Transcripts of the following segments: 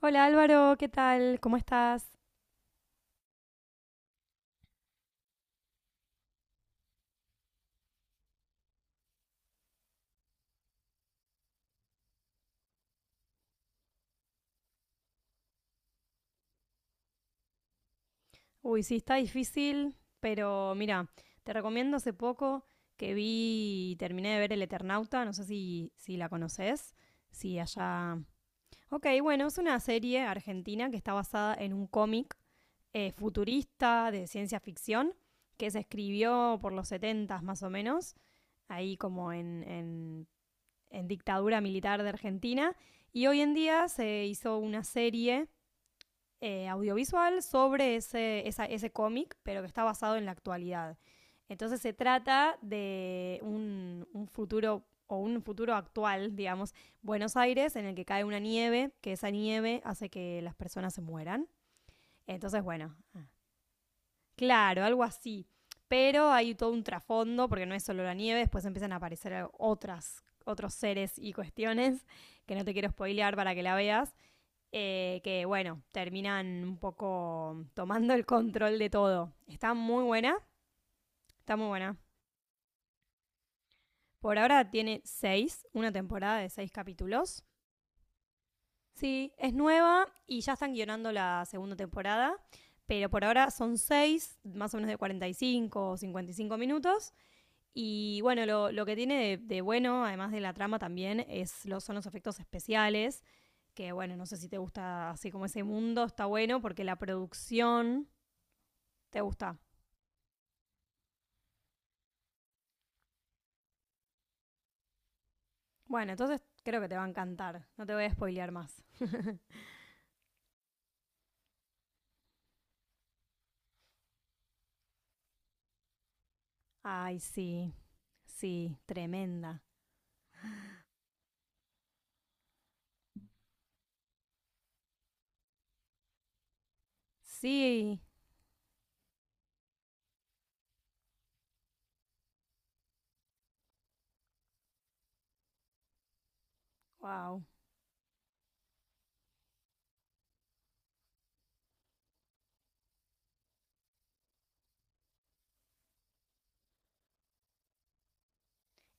Hola Álvaro, ¿qué tal? ¿Cómo estás? Uy, sí, está difícil, pero mira, te recomiendo hace poco que vi y terminé de ver El Eternauta, no sé si la conoces, si allá... Ok, bueno, es una serie argentina que está basada en un cómic futurista de ciencia ficción que se escribió por los 70 más o menos, ahí como en dictadura militar de Argentina, y hoy en día se hizo una serie audiovisual sobre ese cómic, pero que está basado en la actualidad. Entonces se trata de un futuro o un futuro actual, digamos, Buenos Aires, en el que cae una nieve, que esa nieve hace que las personas se mueran. Entonces, bueno, ah, claro, algo así. Pero hay todo un trasfondo, porque no es solo la nieve, después empiezan a aparecer otras, otros seres y cuestiones, que no te quiero spoilear para que la veas que bueno, terminan un poco tomando el control de todo. Está muy buena, está muy buena. Por ahora tiene seis, una temporada de seis capítulos. Sí, es nueva y ya están guionando la segunda temporada, pero por ahora son seis, más o menos de 45 o 55 minutos. Y bueno, lo que tiene de bueno, además de la trama también, es, los, son los efectos especiales, que bueno, no sé si te gusta así como ese mundo, está bueno porque la producción. ¿Te gusta? Bueno, entonces creo que te va a encantar. No te voy a spoilear más. Ay, sí, sí, tremenda. Sí, wow.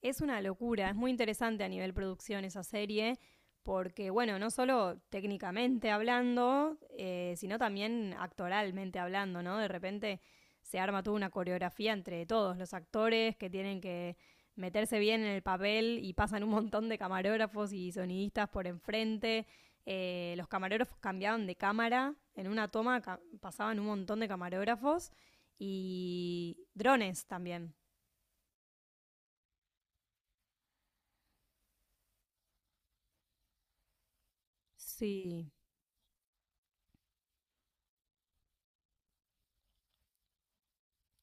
Es una locura, es muy interesante a nivel producción esa serie, porque bueno, no solo técnicamente hablando, sino también actoralmente hablando, ¿no? De repente se arma toda una coreografía entre todos los actores que tienen que meterse bien en el papel y pasan un montón de camarógrafos y sonidistas por enfrente. Los camarógrafos cambiaban de cámara, en una pasaban un montón de camarógrafos y drones también. Sí,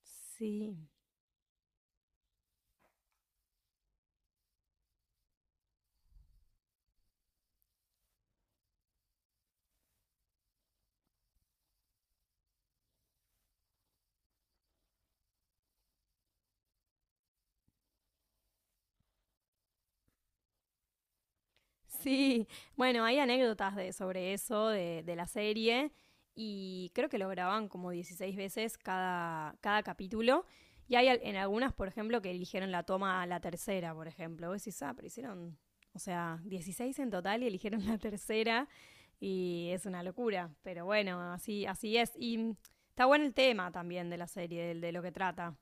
sí. Sí, bueno, hay anécdotas de, sobre eso, de la serie, y creo que lo graban como 16 veces cada, cada capítulo. Y hay en algunas, por ejemplo, que eligieron la toma a la tercera, por ejemplo. Vos decís, ah, pero hicieron, o sea, 16 en total y eligieron la tercera. Y es una locura. Pero bueno, así, así es. Está bueno el tema también de la serie, lo que trata.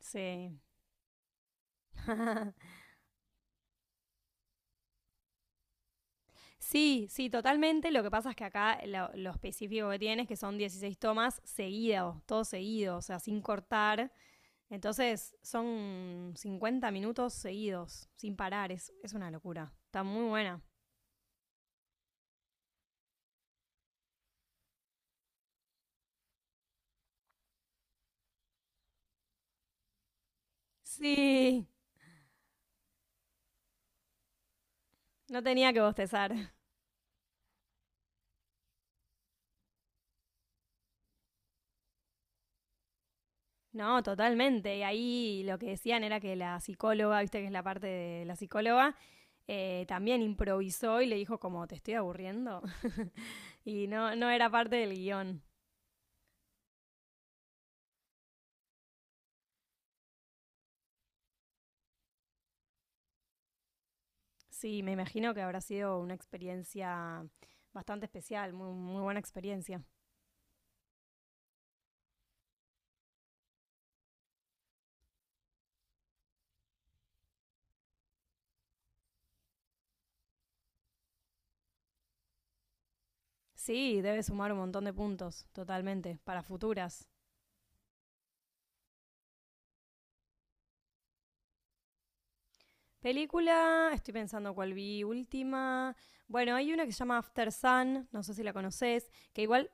Sí. Sí, sí, totalmente. Lo que pasa es que acá lo específico que tiene es que son 16 tomas seguidos, todo seguido, o sea, sin cortar. Entonces son 50 minutos seguidos, sin parar. Es una locura. Está muy buena. Sí, no tenía que bostezar. No, totalmente. Y ahí lo que decían era que la psicóloga, viste que es la parte de la psicóloga, también improvisó y le dijo como, te estoy aburriendo. Y no, no era parte del guión. Sí, me imagino que habrá sido una experiencia bastante especial, muy, muy buena experiencia. Sí, debe sumar un montón de puntos, totalmente, para futuras. Película, estoy pensando cuál vi última. Bueno, hay una que se llama After Sun, no sé si la conoces, que igual.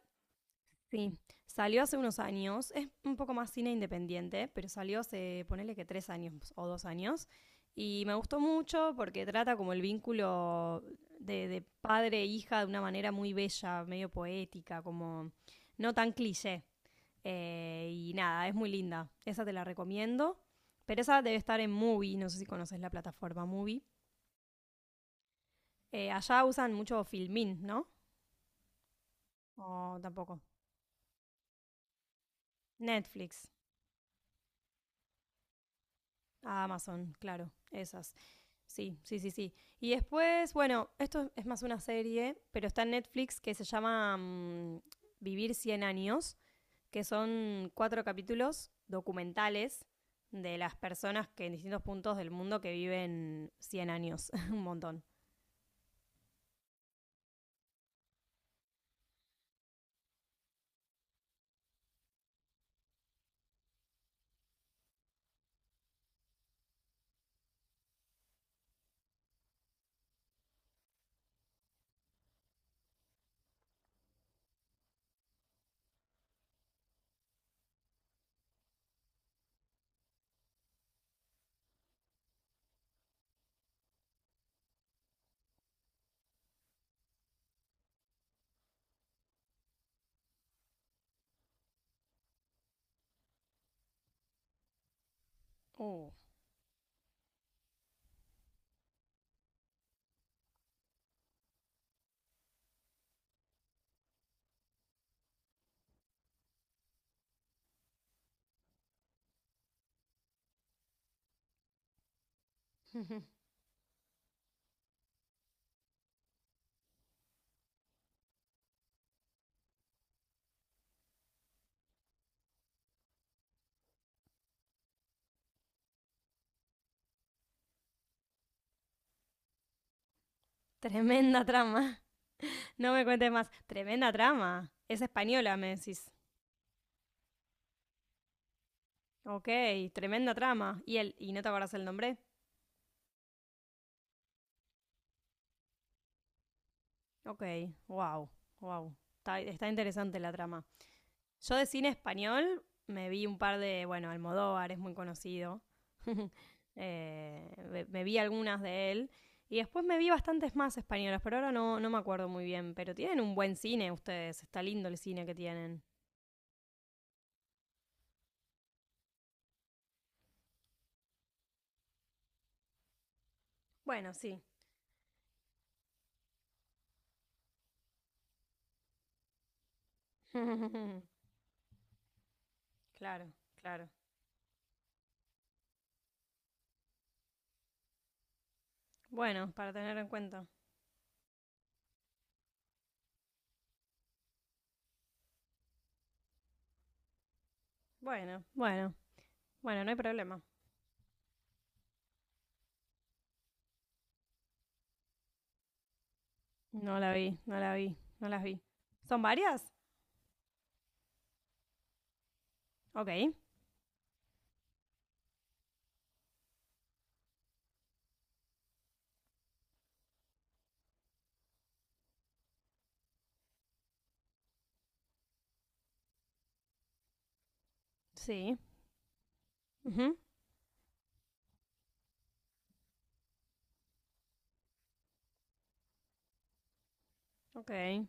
Sí, salió hace unos años, es un poco más cine independiente, pero salió hace, ponele que 3 años o 2 años, y me gustó mucho porque trata como el vínculo de padre e hija de una manera muy bella, medio poética, como no tan cliché. Y nada, es muy linda, esa te la recomiendo, pero esa debe estar en Movie, no sé si conoces la plataforma Movie. Allá usan mucho Filmin, ¿no? O tampoco. Netflix, Amazon, claro, esas. Sí, sí, sí, sí. Y después, bueno, esto es más una serie, pero está en Netflix que se llama Vivir 100 años, que son 4 capítulos documentales de las personas que en distintos puntos del mundo que viven 100 años, un montón. Uh. Tremenda trama. No me cuentes más. Tremenda trama. Es española, me decís. Ok, tremenda trama. ¿Y, el, y no te acordás el nombre? Ok, wow, wow. Está, está interesante la trama. Yo de cine español me vi un par de, bueno, Almodóvar es muy conocido. Me vi algunas de él. Y después me vi bastantes más españolas, pero ahora no, no me acuerdo muy bien. Pero tienen un buen cine ustedes, está lindo el cine que tienen. Bueno, sí. Claro, claro. Bueno, para tener en cuenta. Bueno, bueno, bueno, no hay problema. No la vi, no la vi, no las vi. ¿Son varias? Ok, sí. Ujú, ok,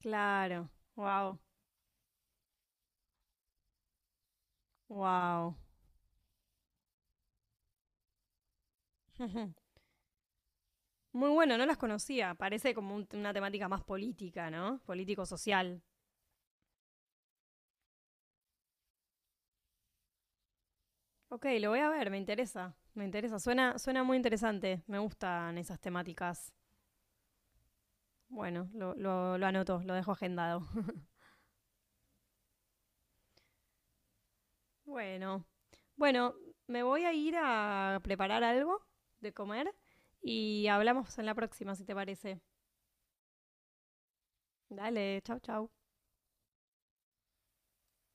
claro. Wow. Wow. Muy bueno, no las conocía. Parece como una temática más política, ¿no? Político-social. Ok, lo voy a ver, me interesa. Me interesa. Suena, suena muy interesante. Me gustan esas temáticas. Bueno, lo anoto, lo dejo agendado. Bueno. Bueno, me voy a ir a preparar algo de comer y hablamos en la próxima, si te parece. Dale, chau, chau.